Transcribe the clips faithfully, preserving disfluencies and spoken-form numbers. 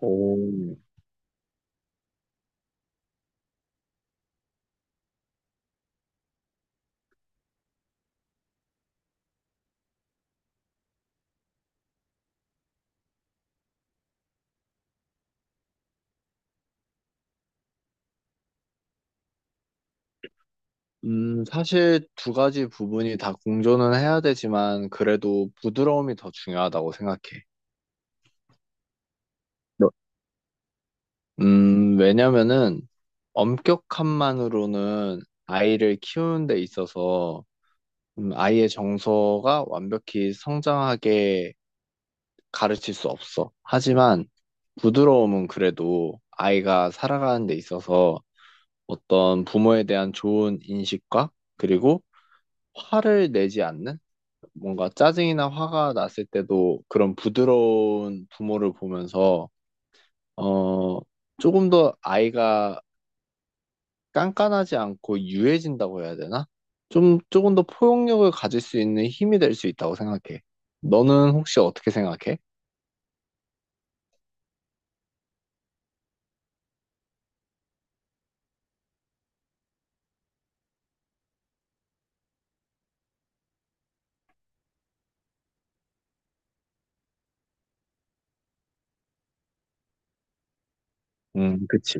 오, 음, 사실 두 가지 부분이 다 공존은 해야 되지만 그래도 부드러움이 더 중요하다고 생각해. 너- 음, 왜냐면은 엄격함만으로는 아이를 키우는 데 있어서 음, 아이의 정서가 완벽히 성장하게 가르칠 수 없어. 하지만 부드러움은 그래도 아이가 살아가는 데 있어서 어떤 부모에 대한 좋은 인식과 그리고 화를 내지 않는? 뭔가 짜증이나 화가 났을 때도 그런 부드러운 부모를 보면서, 어, 조금 더 아이가 깐깐하지 않고 유해진다고 해야 되나? 좀, 조금 더 포용력을 가질 수 있는 힘이 될 수 있다고 생각해. 너는 혹시 어떻게 생각해? 음, 그치.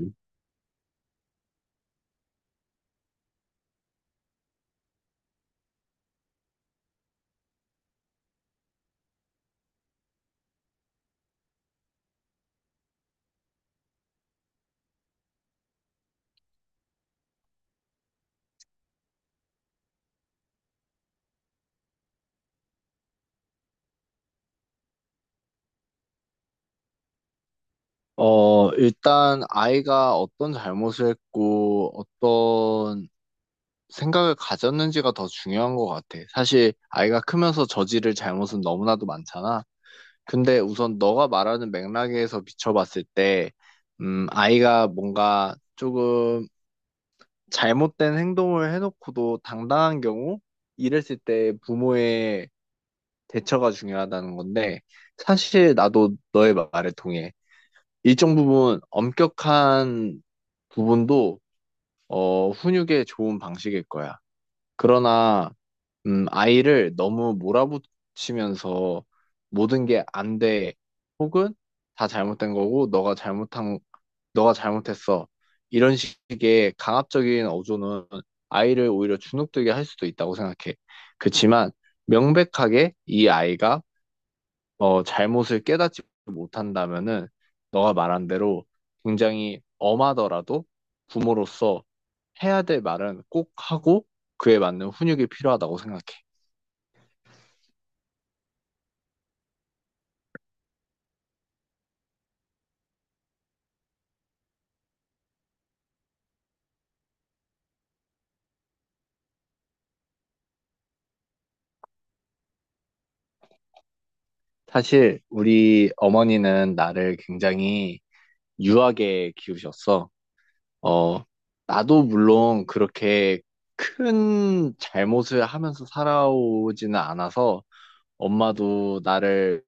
어, 일단 아이가 어떤 잘못을 했고, 어떤 생각을 가졌는지가 더 중요한 것 같아. 사실 아이가 크면서 저지를 잘못은 너무나도 많잖아. 근데 우선 너가 말하는 맥락에서 비춰봤을 때, 음, 아이가 뭔가 조금 잘못된 행동을 해놓고도 당당한 경우, 이랬을 때 부모의 대처가 중요하다는 건데, 사실 나도 너의 말에 동해. 일정 부분 엄격한 부분도, 어, 훈육에 좋은 방식일 거야. 그러나, 음, 아이를 너무 몰아붙이면서 모든 게 안 돼, 혹은 다 잘못된 거고, 너가 잘못한, 너가 잘못했어. 이런 식의 강압적인 어조는 아이를 오히려 주눅들게 할 수도 있다고 생각해. 그렇지만 명백하게 이 아이가 어, 잘못을 깨닫지 못한다면은 너가 말한 대로 굉장히 엄하더라도 부모로서 해야 될 말은 꼭 하고 그에 맞는 훈육이 필요하다고 생각해. 사실 우리 어머니는 나를 굉장히 유하게 키우셨어. 어, 나도 물론 그렇게 큰 잘못을 하면서 살아오지는 않아서 엄마도 나를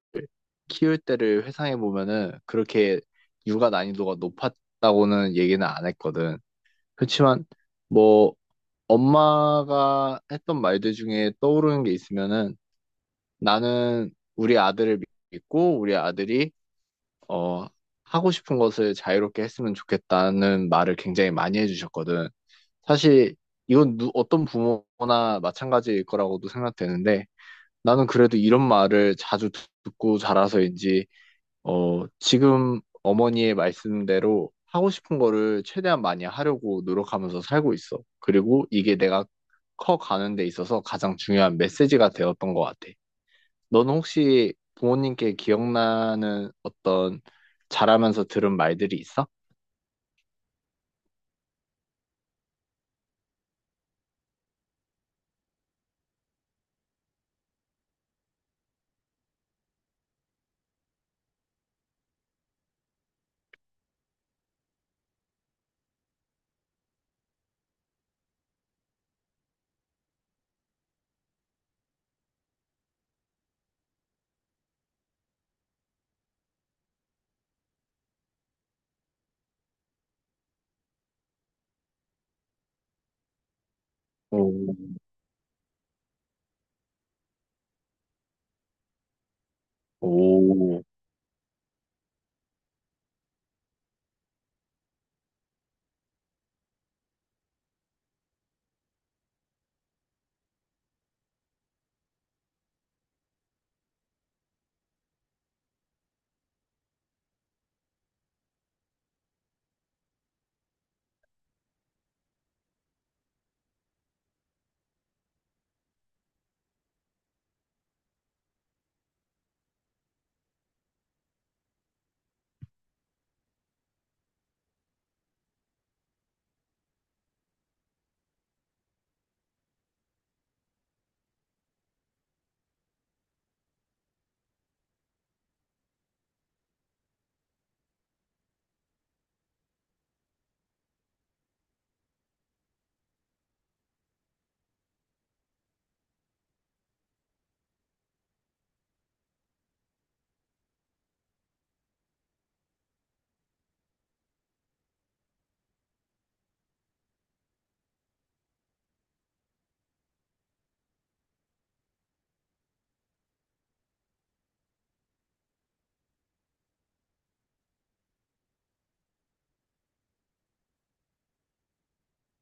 키울 때를 회상해 보면은 그렇게 육아 난이도가 높았다고는 얘기는 안 했거든. 그렇지만 뭐 엄마가 했던 말들 중에 떠오르는 게 있으면은 나는 우리 아들을 믿고 우리 아들이 어 하고 싶은 것을 자유롭게 했으면 좋겠다는 말을 굉장히 많이 해주셨거든. 사실 이건 누- 어떤 부모나 마찬가지일 거라고도 생각되는데 나는 그래도 이런 말을 자주 듣- 듣고 자라서인지, 어, 지금 어머니의 말씀대로 하고 싶은 거를 최대한 많이 하려고 노력하면서 살고 있어. 그리고 이게 내가 커가는 데 있어서 가장 중요한 메시지가 되었던 것 같아. 너는 혹시 부모님께 기억나는 어떤 자라면서 들은 말들이 있어? 오, 오.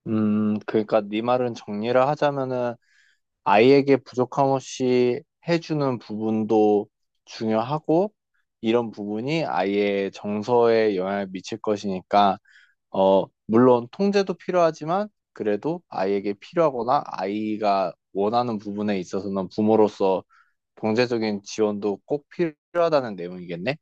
음, 그러니까 네 말은 정리를 하자면은 아이에게 부족함 없이 해주는 부분도 중요하고, 이런 부분이 아이의 정서에 영향을 미칠 것이니까, 어, 물론 통제도 필요하지만, 그래도 아이에게 필요하거나 아이가 원하는 부분에 있어서는 부모로서 경제적인 지원도 꼭 필요하다는 내용이겠네?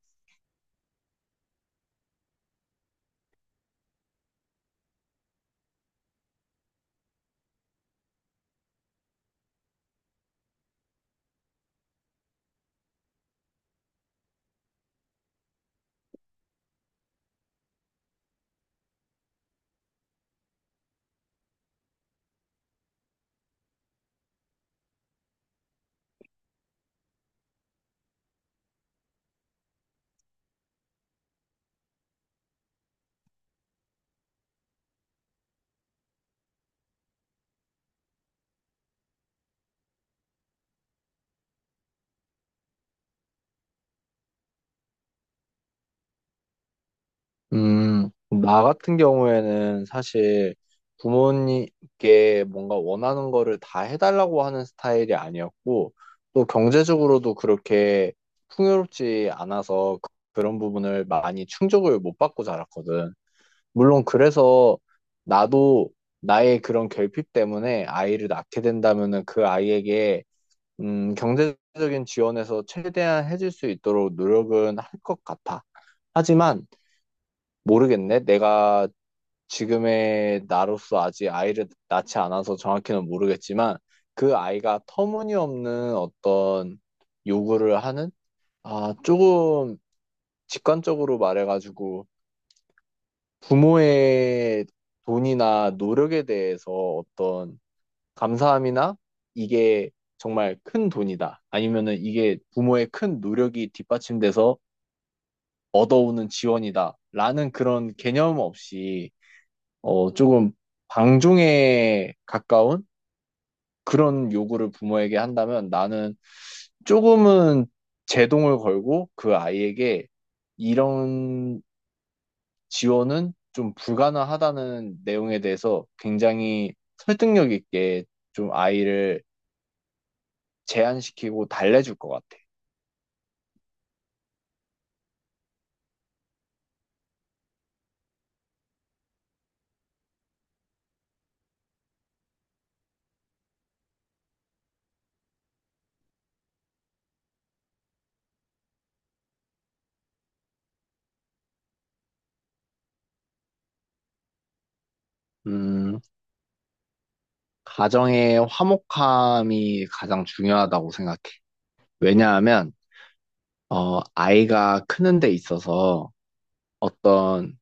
음, 나 같은 경우에는 사실 부모님께 뭔가 원하는 거를 다 해달라고 하는 스타일이 아니었고, 또 경제적으로도 그렇게 풍요롭지 않아서 그- 그런 부분을 많이 충족을 못 받고 자랐거든. 물론 그래서 나도 나의 그런 결핍 때문에 아이를 낳게 된다면은 그 아이에게 음, 경제적인 지원에서 최대한 해줄 수 있도록 노력은 할 것 같아. 하지만 모르겠네. 내가 지금의 나로서 아직 아이를 낳지 않아서 정확히는 모르겠지만 그 아이가 터무니없는 어떤 요구를 하는 아 조금 직관적으로 말해가지고 부모의 돈이나 노력에 대해서 어떤 감사함이나 이게 정말 큰 돈이다. 아니면은 이게 부모의 큰 노력이 뒷받침돼서 얻어오는 지원이다. 라는 그런 개념 없이 어, 조금 방종에 가까운 그런 요구를 부모에게 한다면 나는 조금은 제동을 걸고 그 아이에게 이런 지원은 좀 불가능하다는 내용에 대해서 굉장히 설득력 있게 좀 아이를 제한시키고 달래줄 것 같아. 음, 가정의 화목함이 가장 중요하다고 생각해. 왜냐하면, 어, 아이가 크는 데 있어서 어떤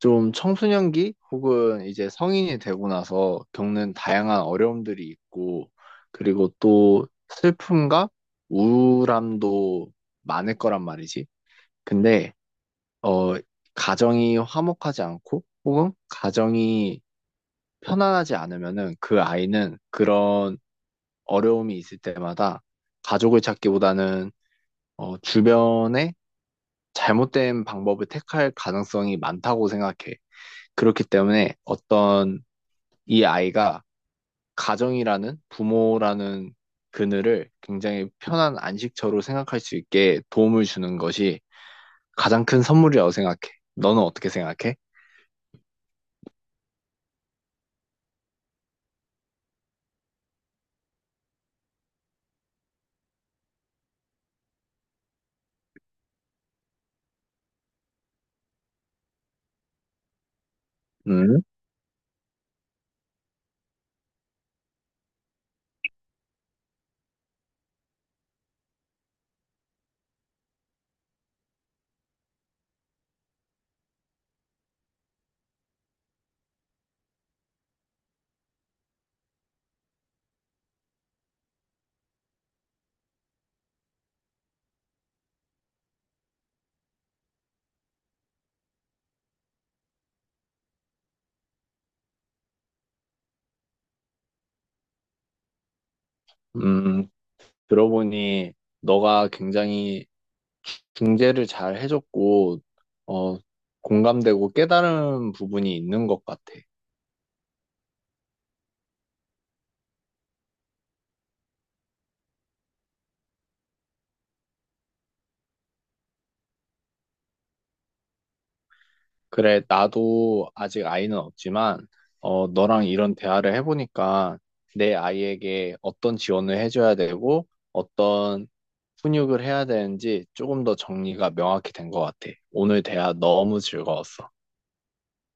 좀 청소년기 혹은 이제 성인이 되고 나서 겪는 다양한 어려움들이 있고, 그리고 또 슬픔과 우울함도 많을 거란 말이지. 근데, 어, 가정이 화목하지 않고, 혹은 가정이 편안하지 않으면은 그 아이는 그런 어려움이 있을 때마다 가족을 찾기보다는 어, 주변에 잘못된 방법을 택할 가능성이 많다고 생각해. 그렇기 때문에 어떤 이 아이가 가정이라는 부모라는 그늘을 굉장히 편한 안식처로 생각할 수 있게 도움을 주는 것이 가장 큰 선물이라고 생각해. 너는 어떻게 생각해? 음, 음, 들어보니 너가 굉장히 중재를 잘 해줬고, 어, 공감되고 깨달은 부분이 있는 것 같아. 그래, 나도 아직 아이는 없지만, 어, 너랑 이런 대화를 해보니까 내 아이에게 어떤 지원을 해줘야 되고, 어떤 훈육을 해야 되는지 조금 더 정리가 명확히 된 것 같아. 오늘 대화 너무 즐거웠어.